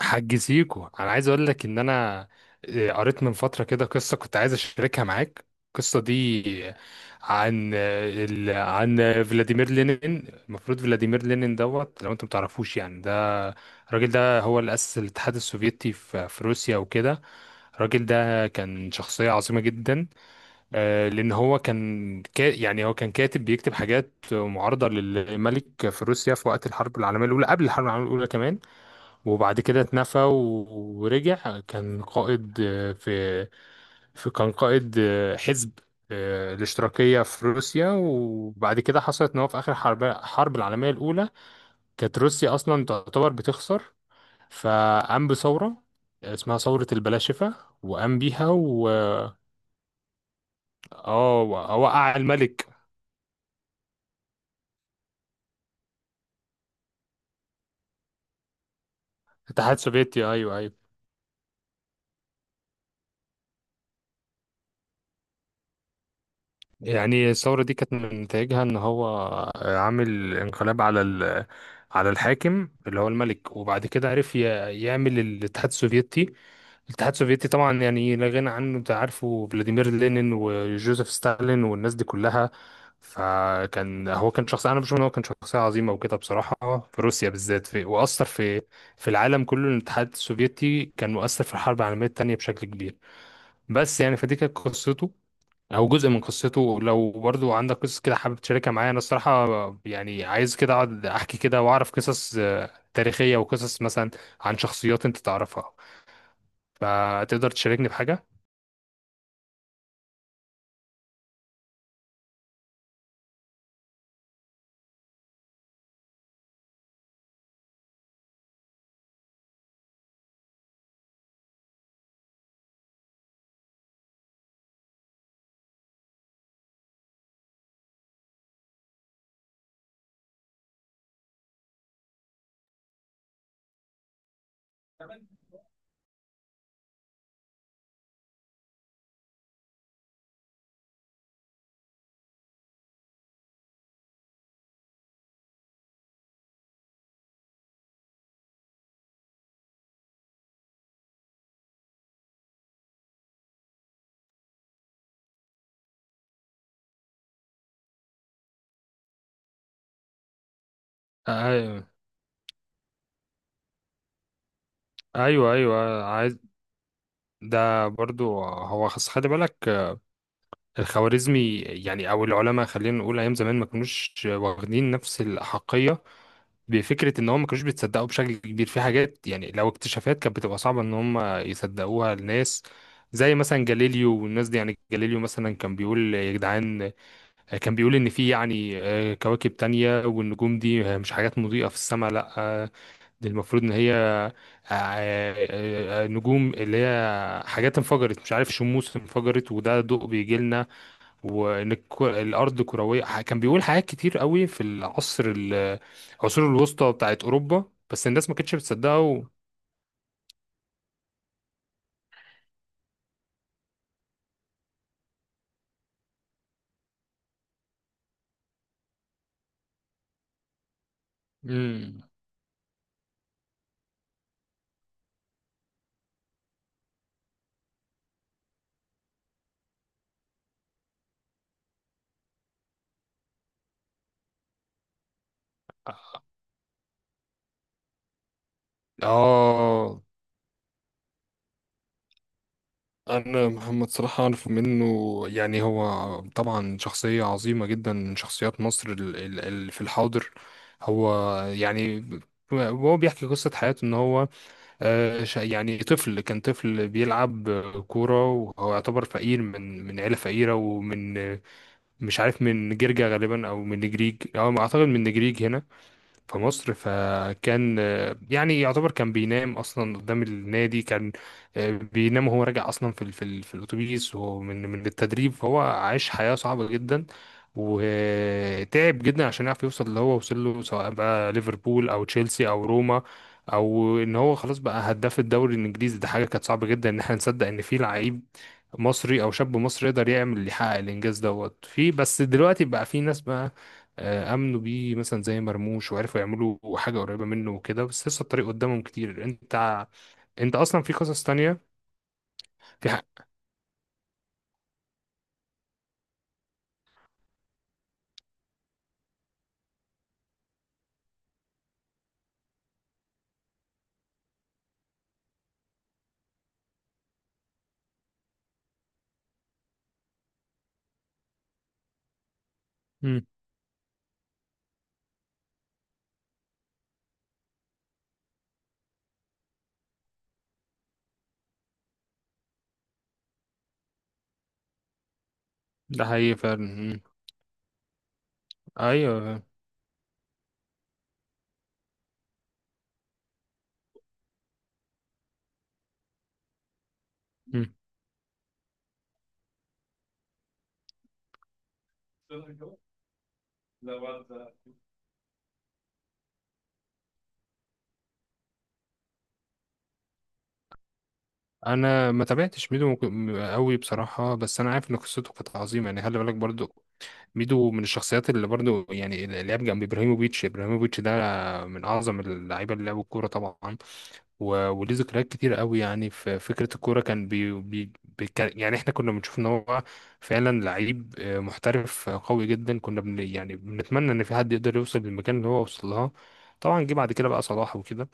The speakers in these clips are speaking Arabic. حاج سيكو، انا عايز اقول لك ان انا قريت من فتره كده قصه كنت عايز اشاركها معاك. القصه دي عن فلاديمير لينين. المفروض فلاديمير لينين دوت. لو انت متعرفوش، يعني ده الراجل ده هو اللي اسس الاتحاد السوفيتي في روسيا وكده. الراجل ده كان شخصية عظيمة جدا. لأن هو كان كا يعني هو كان كاتب بيكتب حاجات معارضة للملك في روسيا في وقت الحرب العالمية الأولى، قبل الحرب العالمية الأولى كمان. وبعد كده اتنفى ورجع. كان قائد حزب الاشتراكية في روسيا. وبعد كده حصلت ان هو في اخر الحرب العالمية الاولى كانت روسيا اصلا تعتبر بتخسر، فقام بثورة اسمها ثورة البلاشفة، وقام بيها و، اه، وقع الملك. الاتحاد السوفيتي. ايوه، ايوه. يعني الثورة دي كانت من نتائجها إن هو عامل انقلاب على الحاكم اللي هو الملك، وبعد كده عرف يعمل الاتحاد السوفيتي. الاتحاد السوفيتي طبعا يعني لا غنى عنه، أنت عارفه، فلاديمير لينين وجوزيف ستالين والناس دي كلها. فكان هو كان شخص، أنا بشوف إن هو كان شخصية عظيمة وكده بصراحة، في روسيا بالذات وأثر في العالم كله. الاتحاد السوفيتي كان مؤثر في الحرب العالمية التانية بشكل كبير. بس يعني فدي كانت قصته، او جزء من قصته. لو برضو عندك قصص كده حابب تشاركها معايا، انا الصراحه يعني عايز كده اقعد احكي كده واعرف قصص تاريخيه، وقصص مثلا عن شخصيات انت تعرفها فتقدر تشاركني بحاجه. آه، ايوه، ايوه. عايز ده برضو. هو خلي بالك. الخوارزمي يعني، او العلماء، خلينا نقول ايام زمان ما كانوش واخدين نفس الاحقيه بفكره ان هم ما كانوش بيتصدقوا بشكل كبير في حاجات. يعني لو اكتشافات كانت بتبقى صعبه ان هم يصدقوها الناس. زي مثلا جاليليو والناس دي، يعني جاليليو مثلا كان بيقول يا جدعان، كان بيقول ان في يعني كواكب تانية، والنجوم دي مش حاجات مضيئة في السماء، لا، دي المفروض ان هي نجوم، اللي هي حاجات انفجرت، مش عارف، شموس انفجرت وده ضوء بيجي لنا. وان الارض كرويه، كان بيقول حاجات كتير قوي في العصور الوسطى بتاعت اوروبا. بس الناس ما كانتش بتصدقه امم. اه، انا محمد صلاح اعرف منه. يعني هو طبعا شخصيه عظيمه جدا من شخصيات مصر في الحاضر. هو يعني هو بيحكي قصة حياته ان هو كان طفل بيلعب كورة، وهو يعتبر فقير من عيلة فقيرة، ومن، مش عارف، من جرجا غالبا او من نجريج، او ما اعتقد من نجريج هنا في مصر. فكان يعني يعتبر كان بينام اصلا قدام النادي. كان بينام، وهو راجع اصلا في الاتوبيس، ومن من من التدريب. فهو عاش حياة صعبة جدا وتعب جدا عشان يعرف يوصل اللي هو وصل له، سواء بقى ليفربول او تشيلسي او روما، او ان هو خلاص بقى هداف الدوري الانجليزي. ده حاجة كانت صعبة جدا ان احنا نصدق ان في لعيب مصري او شاب مصري يقدر يحقق الانجاز دوت. في بس دلوقتي بقى في ناس بقى امنوا بيه مثلا زي مرموش، وعرفوا يعملوا حاجه قريبه منه وكده، بس لسه الطريق قدامهم كتير. انت اصلا في قصص تانية. في ح... مم. ده حقيقي فعلا. مم. ايوه. مم. انا ما تابعتش ميدو قوي بصراحه، بس انا عارف ان قصته كانت عظيمه. يعني خلي بالك برضو ميدو من الشخصيات اللي برضو يعني اللي لعب جنب ابراهيموفيتش. ابراهيموفيتش ده من اعظم اللعيبه اللي لعبوا الكوره طبعا، و- وليه ذكريات كتير قوي. يعني في فكرة الكورة، كان بي بي بي كان يعني احنا كنا بنشوف ان هو فعلا لعيب محترف قوي جدا. كنا بن يعني بنتمنى ان في حد يقدر يوصل للمكان اللي هو وصل لها. طبعا جه بعد كده بقى صلاح وكده.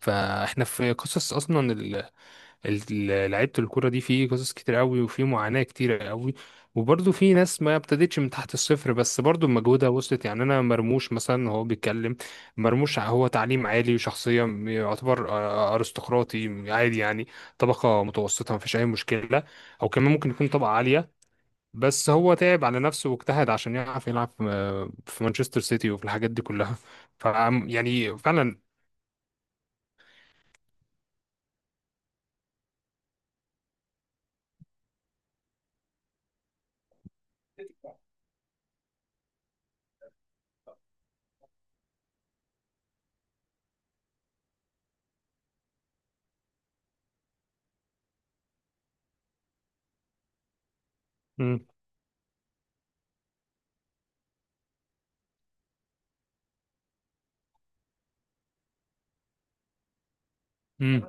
فاحنا في قصص اصلا ال- لعيبة الكرة دي، في قصص كتير قوي وفي معاناة كتير قوي. وبرضه في ناس ما ابتدتش من تحت الصفر، بس برضه بمجهودها وصلت. يعني انا مرموش مثلا، هو بيتكلم، مرموش هو تعليم عالي وشخصية يعتبر ارستقراطي عادي يعني، طبقة متوسطة، ما فيش اي مشكلة، او كمان ممكن يكون طبقة عالية. بس هو تعب على نفسه واجتهد عشان يعرف يلعب في مانشستر سيتي وفي الحاجات دي كلها. ف يعني فعلا. مم. مم.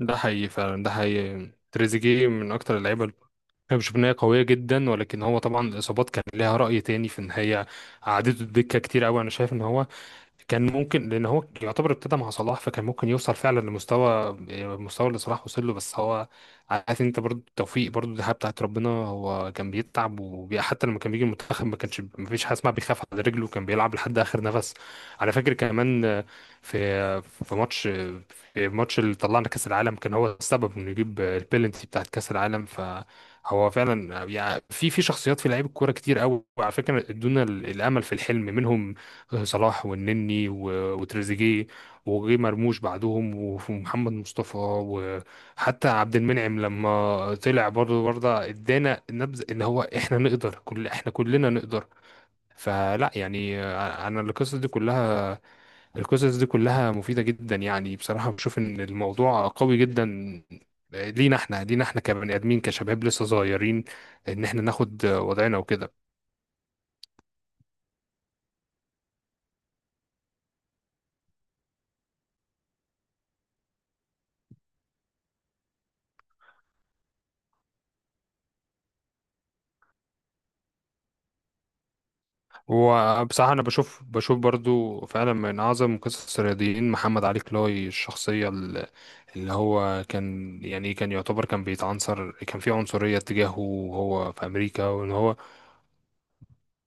ده حقيقي فعلا، ده حقيقي. تريزيجيه من أكتر اللعيبة اللي أنا بشوف إن هي قوية جدا، ولكن هو طبعا الإصابات كان ليها رأي تاني في إن هي قعدته الدكة كتير أوي. أنا شايف إن هو كان ممكن، لان هو يعتبر ابتدى مع صلاح، فكان ممكن يوصل فعلا لمستوى، المستوى اللي صلاح وصل له. بس هو، عارف انت، برضو التوفيق برضو دي حاجه بتاعت ربنا. هو كان بيتعب، وحتى لما كان بيجي المنتخب ما كانش، ما فيش حاجه اسمها بيخاف على رجله، كان بيلعب لحد اخر نفس. على فاكر كمان، في الماتش اللي طلعنا كاس العالم، كان هو السبب انه يجيب البيلنتي بتاعت كاس العالم. فهو فعلا، يعني في شخصيات في لعيب الكوره كتير قوي، وعلى فكره ادونا الامل في الحلم منهم. صلاح والنني و- وتريزيجيه، وجي مرموش بعدهم، وف- ومحمد مصطفى، وحتى عبد المنعم لما طلع برضه ادانا نبذه ان هو احنا كلنا نقدر. فلا يعني، انا القصص دي كلها مفيدة جدا يعني، بصراحة بشوف ان الموضوع قوي جدا لينا احنا، كبني ادمين كشباب لسه صغيرين، ان احنا ناخد وضعنا وكده. وبصراحة انا بشوف برضو فعلا من اعظم قصص الرياضيين محمد علي كلاي. الشخصية اللي هو كان يعتبر كان بيتعنصر، كان في عنصرية تجاهه وهو في امريكا، وان هو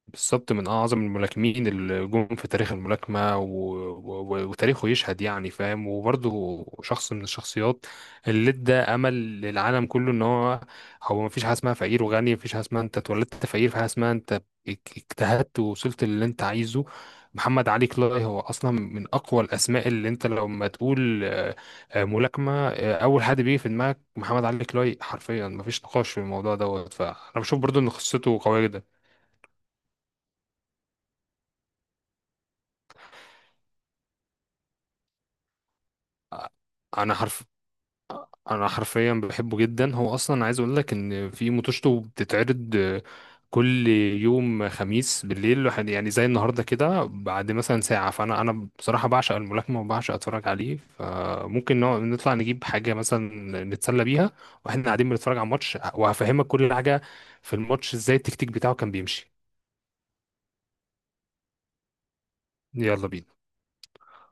بالظبط من أعظم الملاكمين اللي جم في تاريخ الملاكمة، وتاريخه يشهد يعني، فاهم. وبرضه شخص من الشخصيات اللي ادى أمل للعالم كله، إن هو مفيش حاجة اسمها فقير وغني، مفيش حاجة اسمها أنت اتولدت فقير، في حاجة اسمها أنت اجتهدت ووصلت للي أنت عايزه. محمد علي كلاي هو أصلا من أقوى الأسماء اللي أنت لما تقول ملاكمة، أول حد بيجي في دماغك محمد علي كلاي، حرفيا مفيش نقاش في الموضوع دوت. فأنا بشوف برضه إن قصته قوية جدا. انا حرف انا حرفيا بحبه جدا. هو اصلا عايز اقول لك ان في موتوشته بتتعرض كل يوم خميس بالليل، يعني زي النهارده كده، بعد مثلا ساعه. فانا بصراحه بعشق الملاكمه وبعشق اتفرج عليه. فممكن نطلع نجيب حاجه مثلا نتسلى بيها واحنا قاعدين بنتفرج على الماتش، وهفهمك كل حاجه في الماتش، ازاي التكتيك بتاعه كان بيمشي. يلا بينا.